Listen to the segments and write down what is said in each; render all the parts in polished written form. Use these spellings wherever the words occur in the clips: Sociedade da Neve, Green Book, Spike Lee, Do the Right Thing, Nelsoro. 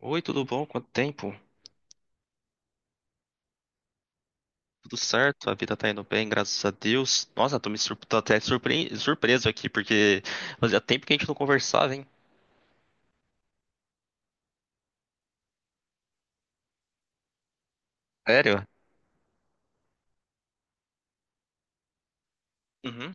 Oi, tudo bom? Quanto tempo? Tudo certo? A vida tá indo bem, graças a Deus. Nossa, tô me surp- tô até surpre- surpreso aqui, porque fazia tempo que a gente não conversava, hein? Sério? Uhum.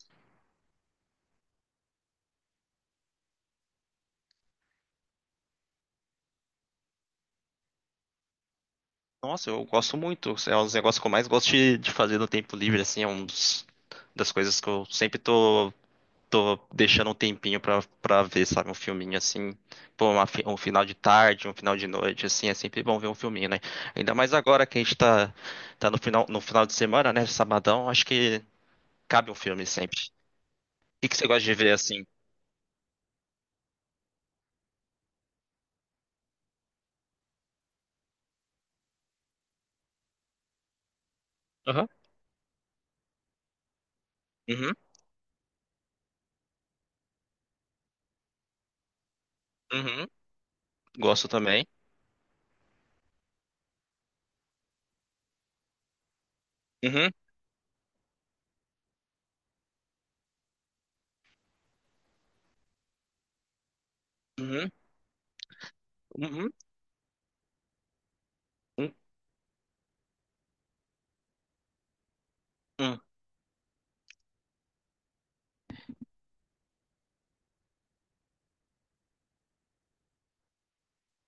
Nossa, eu gosto muito. É um dos negócios que eu mais gosto de fazer no tempo livre, assim, é das coisas que eu sempre tô deixando um tempinho pra ver, sabe? Um filminho assim. Pô, um final de tarde, um final de noite, assim, é sempre bom ver um filminho, né? Ainda mais agora que a gente tá no final de semana, né? Sabadão, acho que. Cabe um filme sempre. O que que você gosta de ver assim? Aham. Uhum, uhum, gosto também. Uhum, uhum, uhum, uhum, uhum.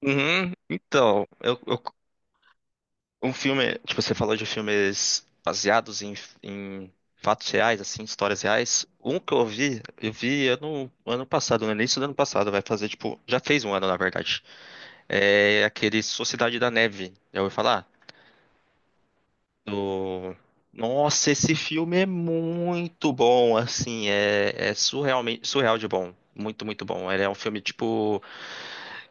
Uhum. Então, um filme, tipo, você falou de filmes baseados em fatos reais, assim, histórias reais. Um que eu vi ano passado, no início do ano passado, vai fazer, tipo, já fez um ano, na verdade. É aquele Sociedade da Neve, já ouviu falar? Do... Nossa, esse filme é muito bom, assim, é surreal de bom, muito, muito bom. Ele é um filme, tipo,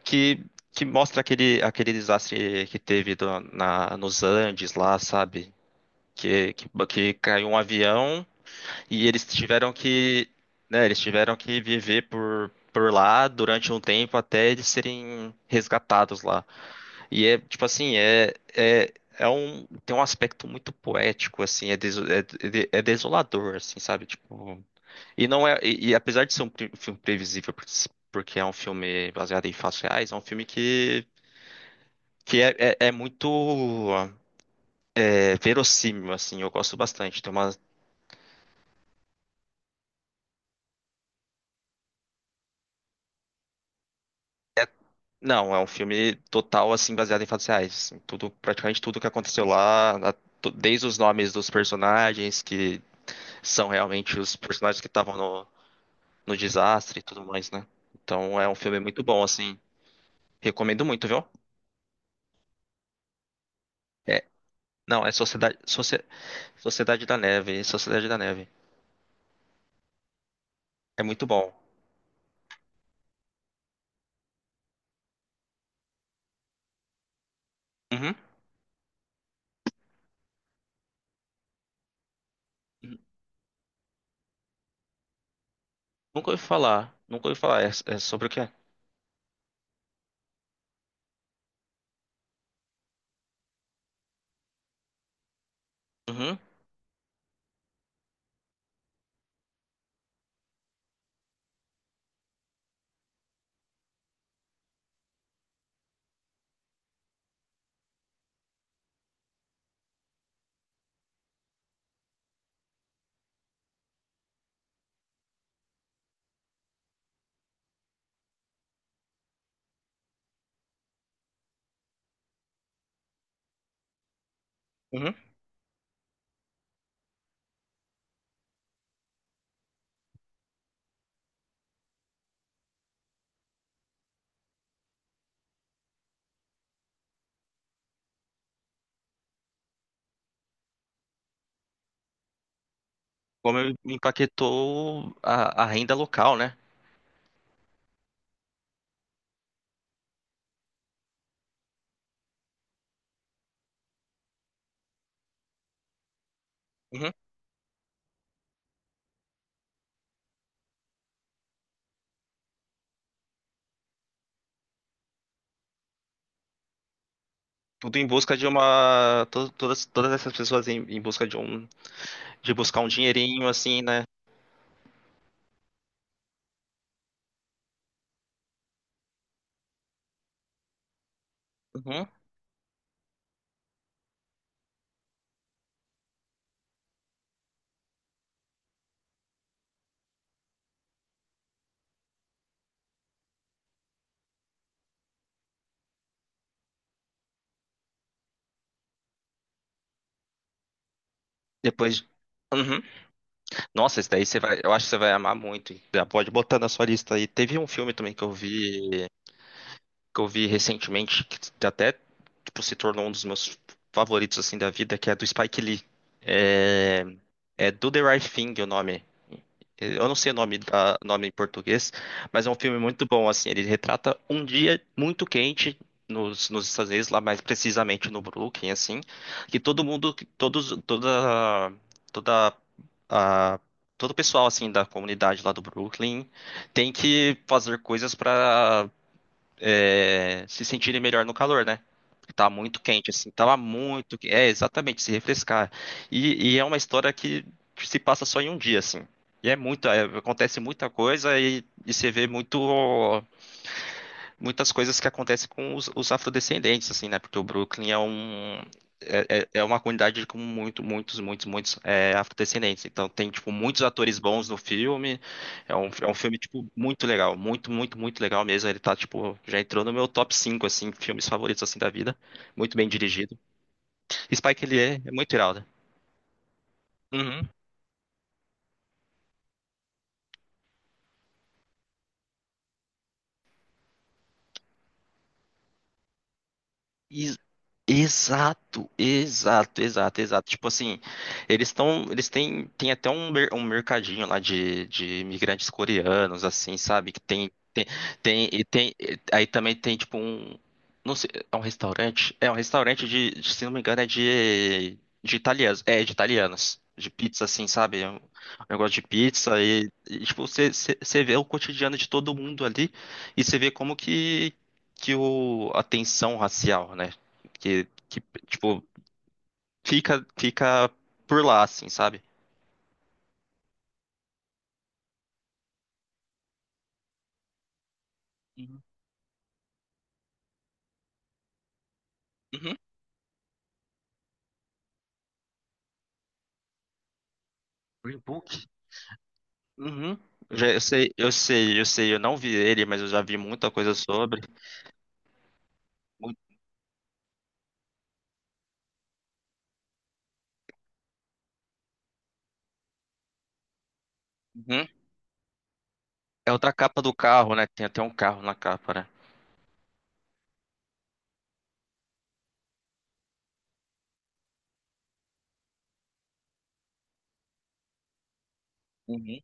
que, que mostra aquele desastre que teve nos Andes lá, sabe? Que caiu um avião e eles tiveram que, né, eles tiveram que viver por lá durante um tempo até eles serem resgatados lá. E é, tipo assim, tem um aspecto muito poético, assim, é desolador, assim, sabe? Tipo, e não é, e apesar de ser filme previsível, porque é um filme baseado em fatos reais, é um filme que é, é muito verossímil, assim, eu gosto bastante. Tem uma, não, é um filme total, assim, baseado em fatos reais, assim, tudo, praticamente tudo que aconteceu lá, desde os nomes dos personagens, que são realmente os personagens que estavam no desastre e tudo mais, né? Então é um filme muito bom, assim. Recomendo muito, viu? É, não, é Sociedade da Neve, é Sociedade da Neve. É muito bom. Uhum. Nunca ouvi falar, nunca ouvi falar. É, é sobre o quê? Uhum. Uhum. Como empaquetou a renda local, né? Uhum. Tudo em busca de uma. Todas essas pessoas em busca de um. De buscar um dinheirinho, assim, né? Uhum. Depois. Uhum. Nossa, esse daí eu acho que você vai amar muito, hein? Já pode botar na sua lista aí. Teve um filme também que eu vi recentemente, que até tipo, se tornou um dos meus favoritos assim da vida, que é do Spike Lee. É, é Do the Right Thing, o nome. Eu não sei o nome da nome em português, mas é um filme muito bom, assim. Ele retrata um dia muito quente nos Estados Unidos, lá mais precisamente no Brooklyn, assim, que todo mundo, todos, toda, toda a- todo o pessoal assim da comunidade lá do Brooklyn tem que fazer coisas para se sentirem melhor no calor, né? Porque tá muito quente, assim, tava muito. É, exatamente, se refrescar. E é uma história que se passa só em um dia, assim. E é acontece muita coisa e você vê muito muitas coisas que acontecem com os afrodescendentes, assim, né? Porque o Brooklyn é uma comunidade com muito, muitos, muitos, muitos afrodescendentes. Então tem, tipo, muitos atores bons no filme. É um filme, tipo, muito legal. Muito, muito, muito legal mesmo. Ele tá, tipo, já entrou no meu top 5 assim, filmes favoritos, assim, da vida. Muito bem dirigido. Spike Lee é é muito irado. Uhum. Exato, exato, exato, exato. Tipo assim, eles estão, eles têm, tem até um mercadinho lá de imigrantes coreanos, assim, sabe? Que tem, e tem, aí também tem tipo um, não sei, é um restaurante, se não me engano, é de italianos, é de italianos, de pizza assim, sabe? É Um negócio de pizza e, tipo, você vê o cotidiano de todo mundo ali e você vê como que o a tensão racial, né? Que tipo, fica por lá assim, sabe? Sim. Uhum. Green Book? Uhum. Já, eu sei, eu sei, eu sei, eu não vi ele, mas eu já vi muita coisa sobre. Muito- Uhum. É outra capa do carro, né? Tem até um carro na capa, né? Uhum.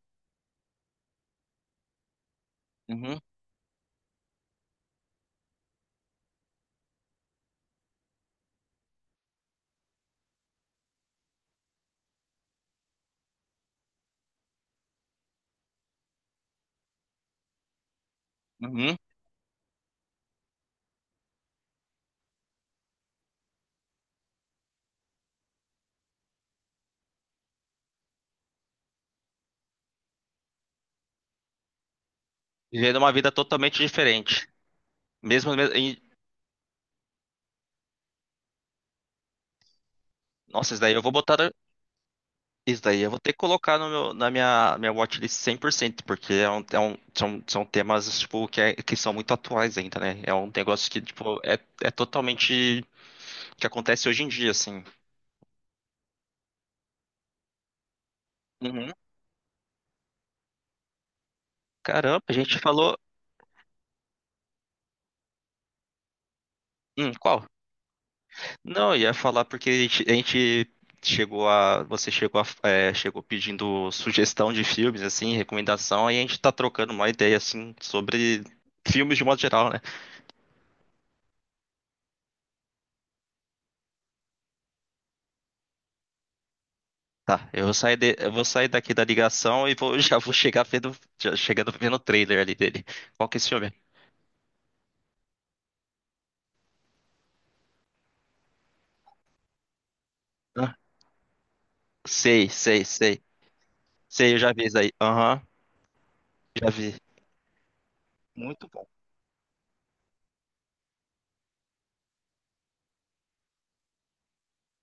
Uhum. Uhum. Vivendo uma vida totalmente diferente. Mesmo, mesmo em- Nossa, isso daí eu vou ter que colocar no meu- na minha watchlist 100%, porque são temas tipo, que são muito atuais ainda, né? É um negócio que tipo, é totalmente que acontece hoje em dia, assim. Uhum. Caramba, a gente falou. Qual? Não, eu ia falar porque a gente chegou a. Você chegou pedindo sugestão de filmes, assim, recomendação, e a gente tá trocando uma ideia, assim, sobre filmes de modo geral, né? Tá, eu vou sair daqui da ligação e vou, já vou chegar vendo, já chegando vendo o trailer ali dele. Qual que é esse filme? Hã? Sei, sei, sei. Sei, eu já vi isso aí. Aham, já vi. Muito bom.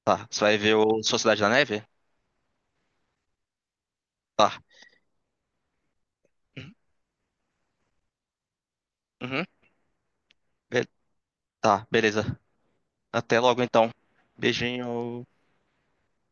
Tá, você vai ver o Sociedade da Neve? Tá. Uhum. Be- Tá, beleza. Até logo então. Beijinho.